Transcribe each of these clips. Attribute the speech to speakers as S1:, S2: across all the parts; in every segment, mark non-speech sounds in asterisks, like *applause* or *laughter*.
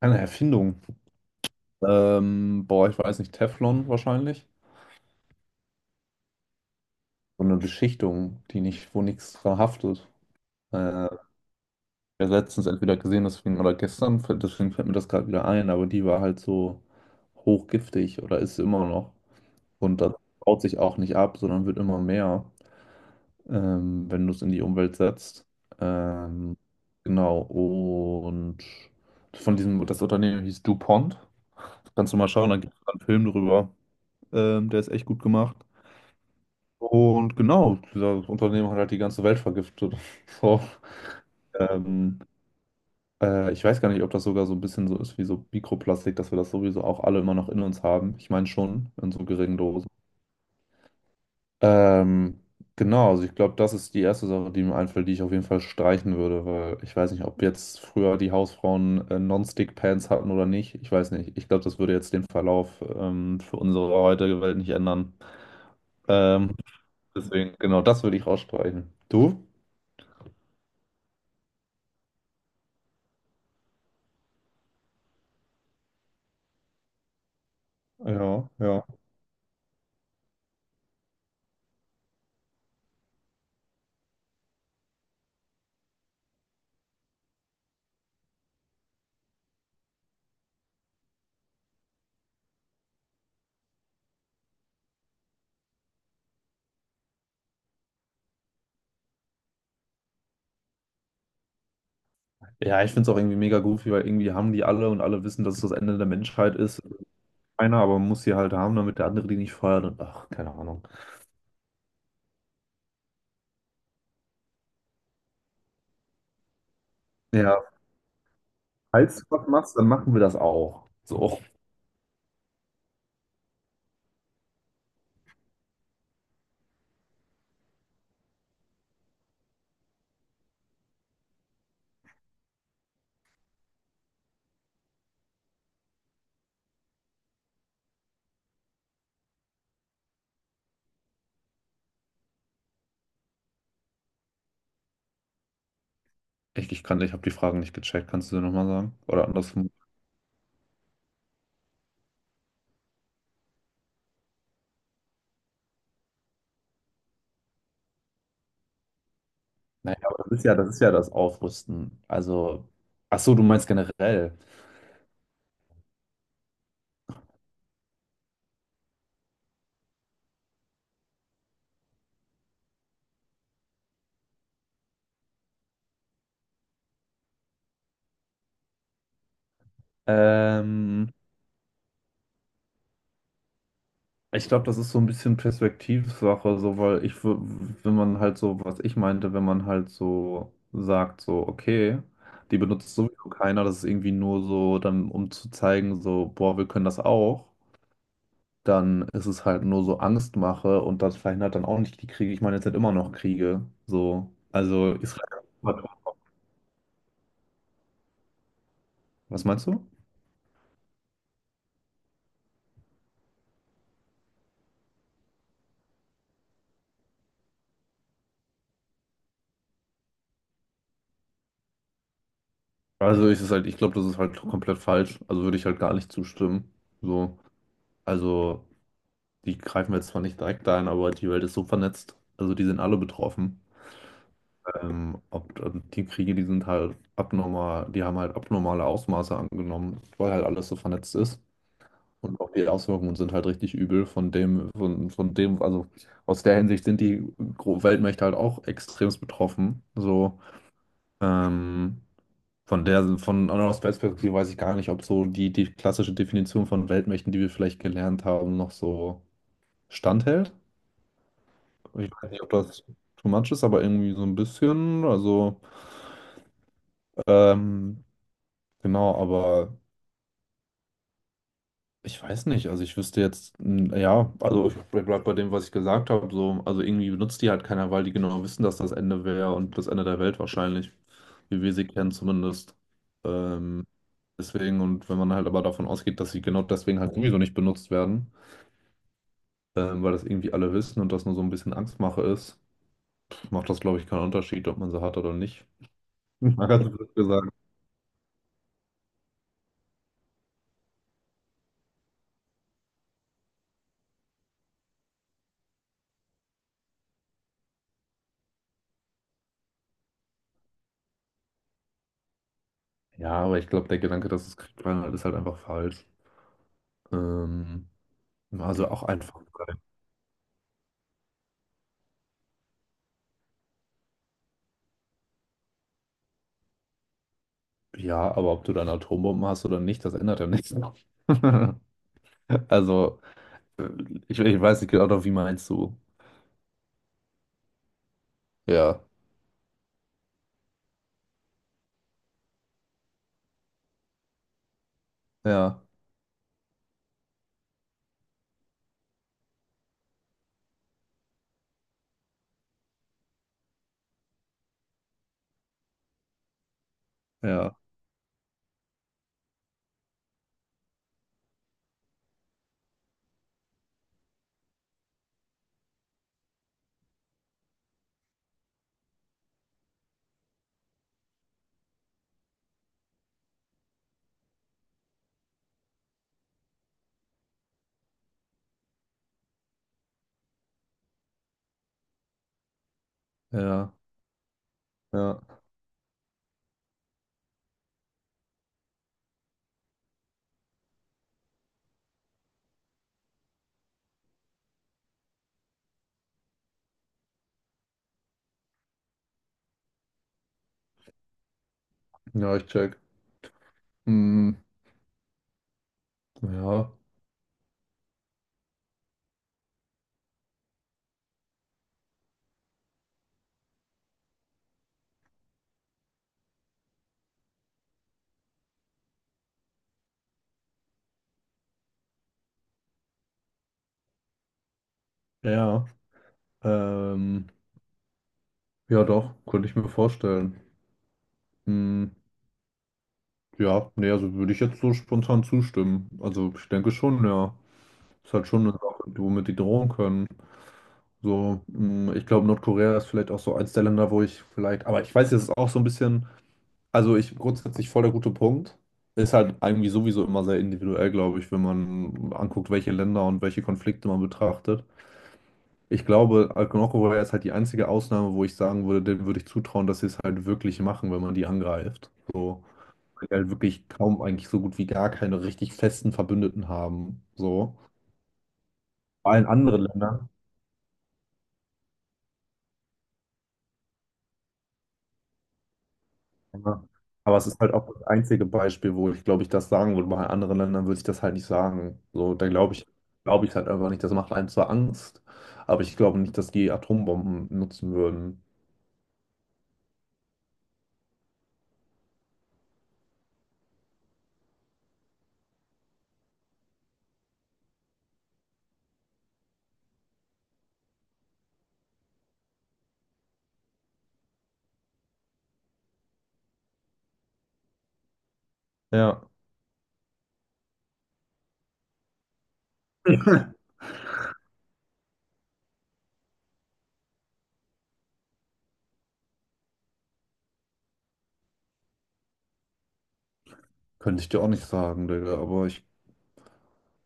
S1: Eine Erfindung. Boah, ich weiß nicht, Teflon wahrscheinlich. So eine Beschichtung, die nicht, wo nichts dran haftet. Äh, Ich habe letztens entweder gesehen, deswegen, oder gestern, deswegen fällt mir das gerade wieder ein, aber die war halt so hochgiftig oder ist sie immer noch. Und das baut sich auch nicht ab, sondern wird immer mehr, wenn du es in die Umwelt setzt. Ähm, genau, und von diesem, das Unternehmen hieß DuPont. Kannst du mal schauen, da gibt es einen Film drüber. Der ist echt gut gemacht. Und genau, dieser Unternehmen hat halt die ganze Welt vergiftet. *laughs* So. Ähm, Ich weiß gar nicht, ob das sogar so ein bisschen so ist wie so Mikroplastik, dass wir das sowieso auch alle immer noch in uns haben. Ich meine schon, in so geringen Dosen. Ähm, genau, also ich glaube, das ist die erste Sache, die mir einfällt, die ich auf jeden Fall streichen würde, weil ich weiß nicht, ob jetzt früher die Hausfrauen Non-Stick-Pants hatten oder nicht. Ich weiß nicht. Ich glaube, das würde jetzt den Verlauf für unsere heutige Welt nicht ändern. Ähm, Deswegen, genau, das würde ich rausstreichen. Du? Ja, ja. Ja, ich finde es auch irgendwie mega goofy, weil irgendwie haben die alle und alle wissen, dass es das Ende der Menschheit ist. Einer aber muss sie halt haben, damit der andere die nicht feuert und ach, keine Ahnung. Ja, falls du was machst, dann machen wir das auch. So, echt, ich habe die Fragen nicht gecheckt, kannst du dir nochmal sagen? Oder andersrum. Naja, aber das ist ja das Aufrüsten. Also, ach so, du meinst generell. Ähm, Ich glaube, das ist so ein bisschen Perspektivsache, so, wenn man halt so, was ich meinte, wenn man halt so sagt, so, okay, die benutzt sowieso keiner, das ist irgendwie nur so, dann, um zu zeigen, so, boah, wir können das auch, dann ist es halt nur so Angstmache und das verhindert dann auch nicht die Kriege. Ich meine, jetzt sind immer noch Kriege, so. Also, Israel. Was meinst du? Also, ist halt, ich glaube, das ist halt komplett falsch. Also, würde ich halt gar nicht zustimmen. So, also, die greifen jetzt zwar nicht direkt ein, aber die Welt ist so vernetzt. Also die sind alle betroffen. Die Kriege, die sind halt abnormal, die haben halt abnormale Ausmaße angenommen, weil halt alles so vernetzt ist. Und auch die Auswirkungen sind halt richtig übel von dem, also aus der Hinsicht sind die Weltmächte halt auch extremst betroffen. So, ähm, von aus Weltperspektive weiß ich gar nicht, ob so die klassische Definition von Weltmächten, die wir vielleicht gelernt haben, noch so standhält. Ich weiß nicht, ob das too much ist, aber irgendwie so ein bisschen. Also, ähm, genau, aber ich weiß nicht. Also, ich wüsste jetzt, ja, also ich bleib bei dem, was ich gesagt habe. So, also, irgendwie benutzt die halt keiner, weil die genau wissen, dass das Ende wäre und das Ende der Welt wahrscheinlich, wie wir sie kennen zumindest. Ähm, Deswegen, und wenn man halt aber davon ausgeht, dass sie genau deswegen halt sowieso nicht benutzt werden, weil das irgendwie alle wissen und das nur so ein bisschen Angstmache ist, macht das, glaube ich, keinen Unterschied, ob man sie hat oder nicht. *laughs* Mal ganz blöd gesagt. Ja, aber ich glaube, der Gedanke, dass es Krieg war, ist halt einfach falsch. Ähm, also auch einfach. Ja, aber ob du dann Atombomben hast oder nicht, das ändert ja nichts. *laughs* Also, äh, ich weiß nicht genau, wie meinst du? Ja, ja, ja, ja, ja. Ja, ich check. Hm, ja, ja. Ähm, ja, doch, könnte ich mir vorstellen. Hm, ja, nee, also würde ich jetzt so spontan zustimmen. Also, ich denke schon, ja. Ist halt schon eine Sache, womit die drohen können. So, mh, ich glaube, Nordkorea ist vielleicht auch so eins der Länder, wo ich vielleicht, aber ich weiß, es ist auch so ein bisschen, also ich grundsätzlich voll der gute Punkt. Ist halt irgendwie sowieso immer sehr individuell, glaube ich, wenn man anguckt, welche Länder und welche Konflikte man betrachtet. Ich glaube, Nordkorea ist halt die einzige Ausnahme, wo ich sagen würde, dem würde ich zutrauen, dass sie es halt wirklich machen, wenn man die angreift. So, weil die halt wirklich kaum eigentlich so gut wie gar keine richtig festen Verbündeten haben. So. Bei allen anderen Ländern. Ja. Aber es ist halt auch das einzige Beispiel, wo ich glaube ich das sagen würde. Bei anderen Ländern würde ich das halt nicht sagen. So, glaube ich halt einfach nicht. Das macht einem zwar Angst, aber ich glaube nicht, dass die Atombomben nutzen würden. Ja. *laughs* Könnte ich dir auch nicht sagen, Digga,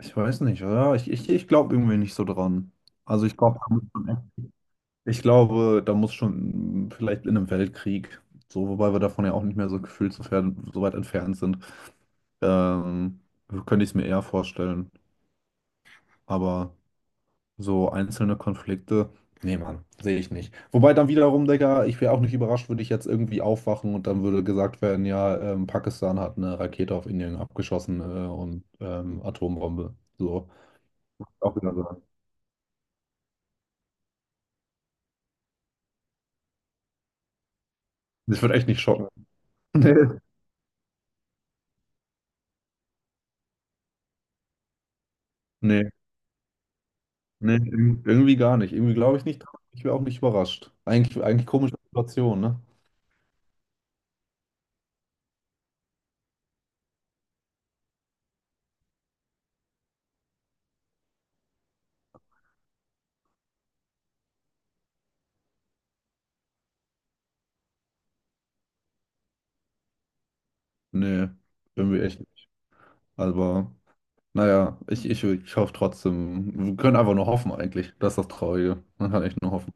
S1: ich weiß nicht, oder? Ich glaube irgendwie nicht so dran. Also ich glaube, da muss schon echt- ich glaube, da muss schon vielleicht in einem Weltkrieg, so, wobei wir davon ja auch nicht mehr so gefühlt so, fern, so weit entfernt sind, ähm, könnte ich es mir eher vorstellen. Aber so einzelne Konflikte, nee, Mann, sehe ich nicht. Wobei dann wiederum, Digga, ich wäre auch nicht überrascht, würde ich jetzt irgendwie aufwachen und dann würde gesagt werden, ja, Pakistan hat eine Rakete auf Indien abgeschossen, Atombombe. So. Auch wieder so. Das wird echt nicht schocken. *laughs* Nee. Nee, nee, irgendwie gar nicht. Irgendwie glaube ich nicht. Ich wäre auch nicht überrascht. Eigentlich, eigentlich komische Situation, ne? Nee, irgendwie echt nicht. Aber. Naja, ich hoffe trotzdem. Wir können einfach nur hoffen eigentlich. Das ist das Traurige. Man kann echt nur hoffen.